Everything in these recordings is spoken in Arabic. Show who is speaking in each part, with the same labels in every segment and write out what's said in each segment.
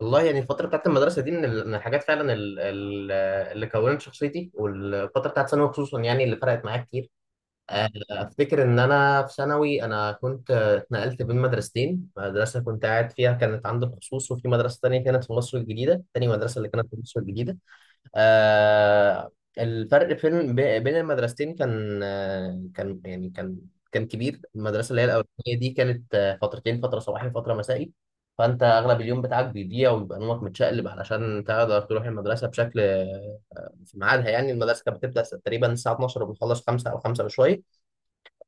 Speaker 1: والله يعني الفترة بتاعت المدرسة دي من الحاجات فعلا اللي كونت شخصيتي، والفترة بتاعت ثانوي خصوصا يعني اللي فرقت معايا كتير. أفتكر إن أنا في ثانوي أنا كنت اتنقلت بين مدرستين، مدرسة كنت قاعد فيها كانت عندي خصوص، وفي مدرسة تانية كانت في مصر الجديدة، تاني مدرسة اللي كانت في مصر الجديدة. آه، الفرق فين بين المدرستين كان، يعني كان كبير. المدرسة اللي هي الأولانية دي كانت فترتين، فترة صباحي وفترة مسائي، فأنت أغلب اليوم بتاعك بيضيع ويبقى نومك متشقلب علشان تقدر تروح المدرسة بشكل في ميعادها. يعني المدرسة كانت بتبدأ تقريبا الساعة 12 وبنخلص 5 أو 5 وشوية،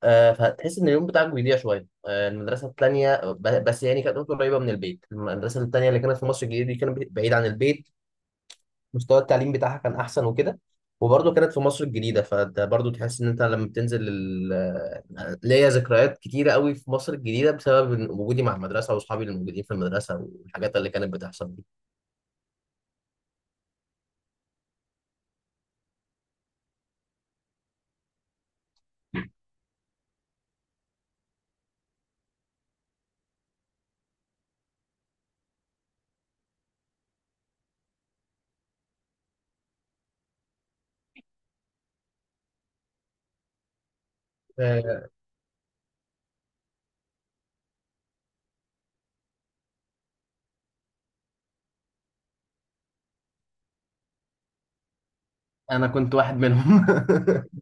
Speaker 1: فتحس إن اليوم بتاعك بيضيع شوية. المدرسة التانية بس يعني كانت قريبة من البيت، المدرسة التانية اللي كانت في مصر الجديدة دي كانت بعيدة عن البيت، مستوى التعليم بتاعها كان احسن وكده. وبرضه كانت في مصر الجديدة، فانت برضه تحس ان انت لما بتنزل ليا ذكريات كتيرة قوي في مصر الجديدة بسبب إن وجودي مع المدرسة واصحابي اللي موجودين في المدرسة والحاجات اللي كانت بتحصل دي. آه، انا كنت واحد منهم.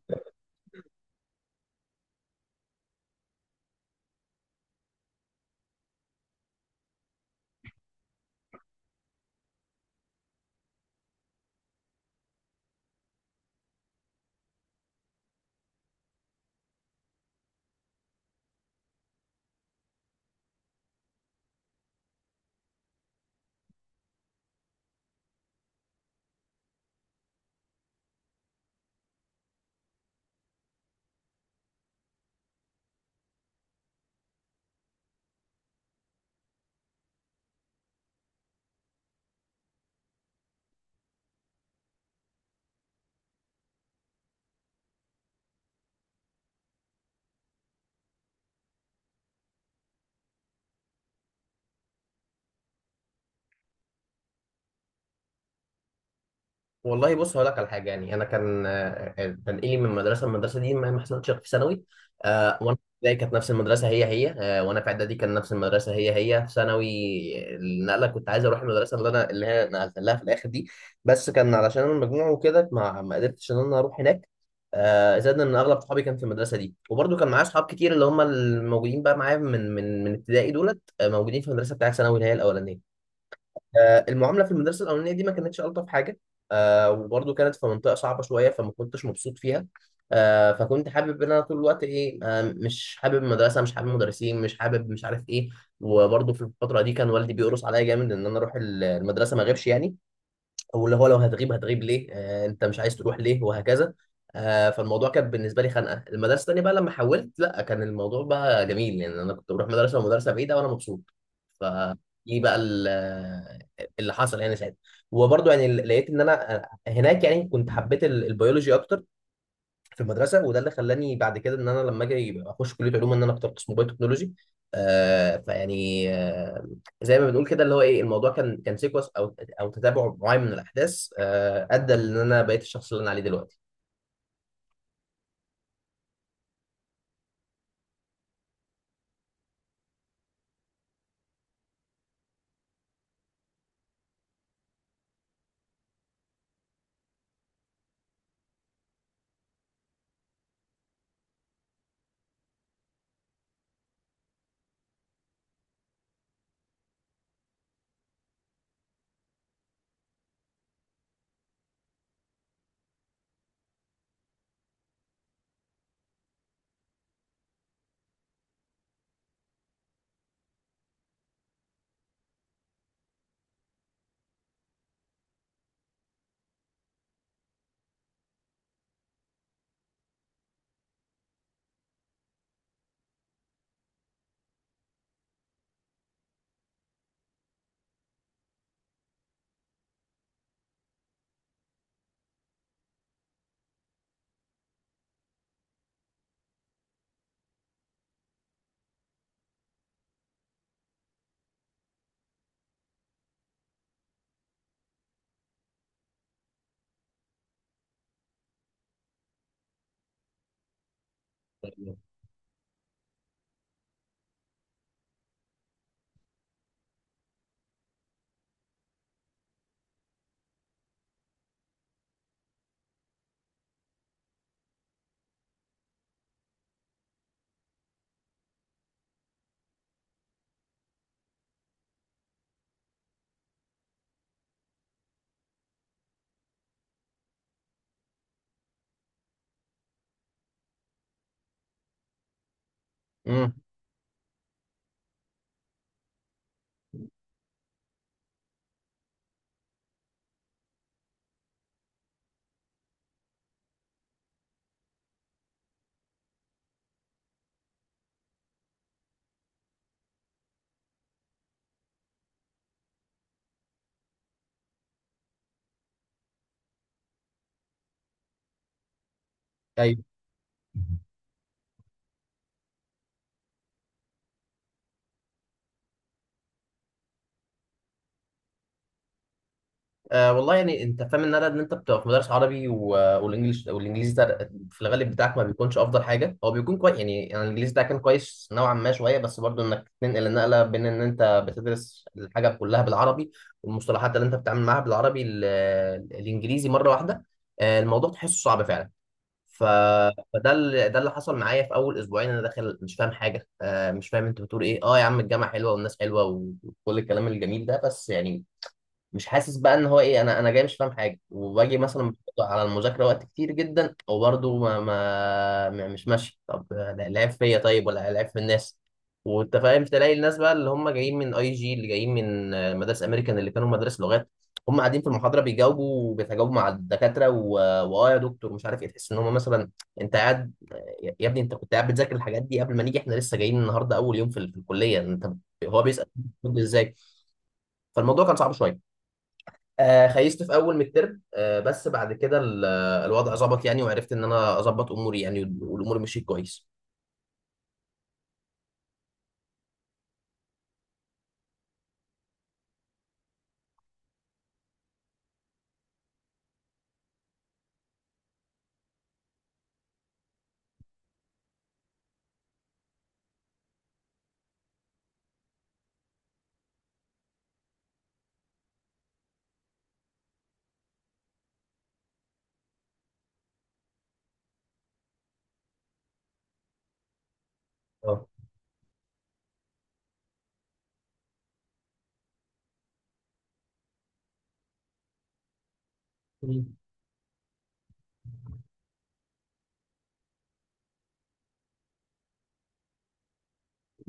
Speaker 1: والله بص، هقول لك على حاجه. يعني انا كان تنقلي من مدرسه لمدرسه دي ما حصلتش غير في ثانوي. وانا في ابتدائي كانت نفس المدرسه هي هي، وانا في اعدادي كان نفس المدرسه هي هي. في ثانوي النقله، كنت عايز اروح المدرسه اللي هي نقلت لها في الاخر دي، بس كان علشان انا المجموع وكده ما قدرتش ان انا اروح هناك. زائد ان اغلب صحابي كان في المدرسه دي، وبرده كان معايا اصحاب كتير اللي هم الموجودين بقى معايا من من ابتدائي دولت، موجودين في المدرسه بتاعت ثانوي اللي هي الاولانيه. المعامله في المدرسه الاولانيه دي ما كانتش الطف حاجه، وبرضه كانت في منطقه صعبه شويه فما كنتش مبسوط فيها. فكنت حابب ان انا طول الوقت ايه، مش حابب المدرسه، مش حابب المدرسين، مش حابب مش عارف ايه. وبرضه في الفتره دي كان والدي بيقرص عليا جامد ان انا اروح المدرسه ما اغيبش يعني، واللي هو لو هتغيب هتغيب ليه، انت مش عايز تروح ليه وهكذا. فالموضوع كان بالنسبه لي خنقه. المدرسه الثانيه بقى لما حولت لا، كان الموضوع بقى جميل، يعني انا كنت بروح مدرسه ومدرسه بعيده وانا مبسوط. ف دي بقى ال- اللي حصل يعني ساعتها. وبرضه يعني لقيت ان انا هناك يعني كنت حبيت البيولوجي اكتر في المدرسه، وده اللي خلاني بعد كده ان انا لما اجي اخش كليه علوم ان انا اخترت اسمه بايو تكنولوجي. آه فيعني آه زي ما بنقول كده اللي هو ايه، الموضوع كان سيكونس او تتابع معين من الاحداث، آه، ادى ان انا بقيت الشخص اللي انا عليه دلوقتي. امم، آه، والله يعني انت فاهم ان انا ان انت بتبقى في مدرس عربي والانجليش والانجليزي ده في الغالب بتاعك ما بيكونش افضل حاجه، هو بيكون كويس يعني. يعني الانجليزي ده كان كويس نوعا ما شويه، بس برضو انك تنقل النقله بين ان انت بتدرس الحاجه كلها بالعربي والمصطلحات اللي انت بتتعامل معاها بالعربي، الانجليزي مره واحده، آه الموضوع تحسه صعب فعلا. ف... فده اللي ده اللي حصل معايا في اول اسبوعين. انا داخل مش فاهم حاجه، مش فاهم انت بتقول ايه، اه يا عم الجامعه حلوه والناس حلوه وكل الكلام الجميل ده، بس يعني مش حاسس بقى ان هو ايه. انا جاي مش فاهم حاجه، وباجي مثلا بحط على المذاكره وقت كتير جدا وبرضه مش ماشي. طب لا- العيب فيا طيب ولا العيب في الناس؟ وانت فاهم، تلاقي الناس بقى اللي هم جايين من اي جي، اللي جايين من مدارس امريكان اللي كانوا مدارس لغات، هم قاعدين في المحاضره بيجاوبوا وبيتجاوبوا مع الدكاتره، واه يا دكتور مش عارف ايه. تحس ان هم مثلا، انت قاعد، يا ابني انت كنت قاعد بتذاكر الحاجات دي قبل ما نيجي، احنا لسه جايين النهارده اول يوم في في الكليه. انت هو بيسال ازاي؟ فالموضوع كان صعب شويه. آه، خيست في اول من الترم، آه، بس بعد كده الوضع ظبط يعني، وعرفت ان انا اظبط اموري يعني، والامور مشيت كويس. اه، مم.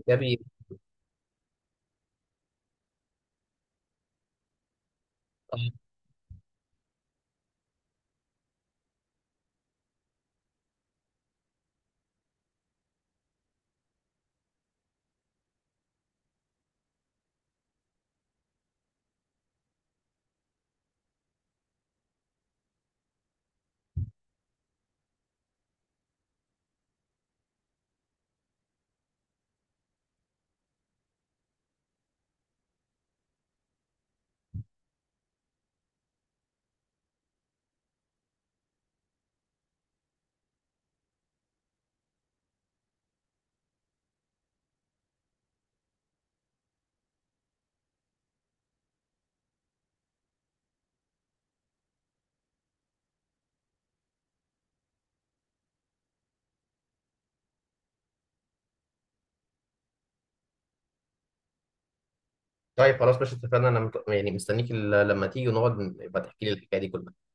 Speaker 1: جابي. طيب خلاص ماشي، اتفقنا. انا يعني مستنيك لما تيجي ونقعد يبقى تحكي لي الحكايه دي كلها.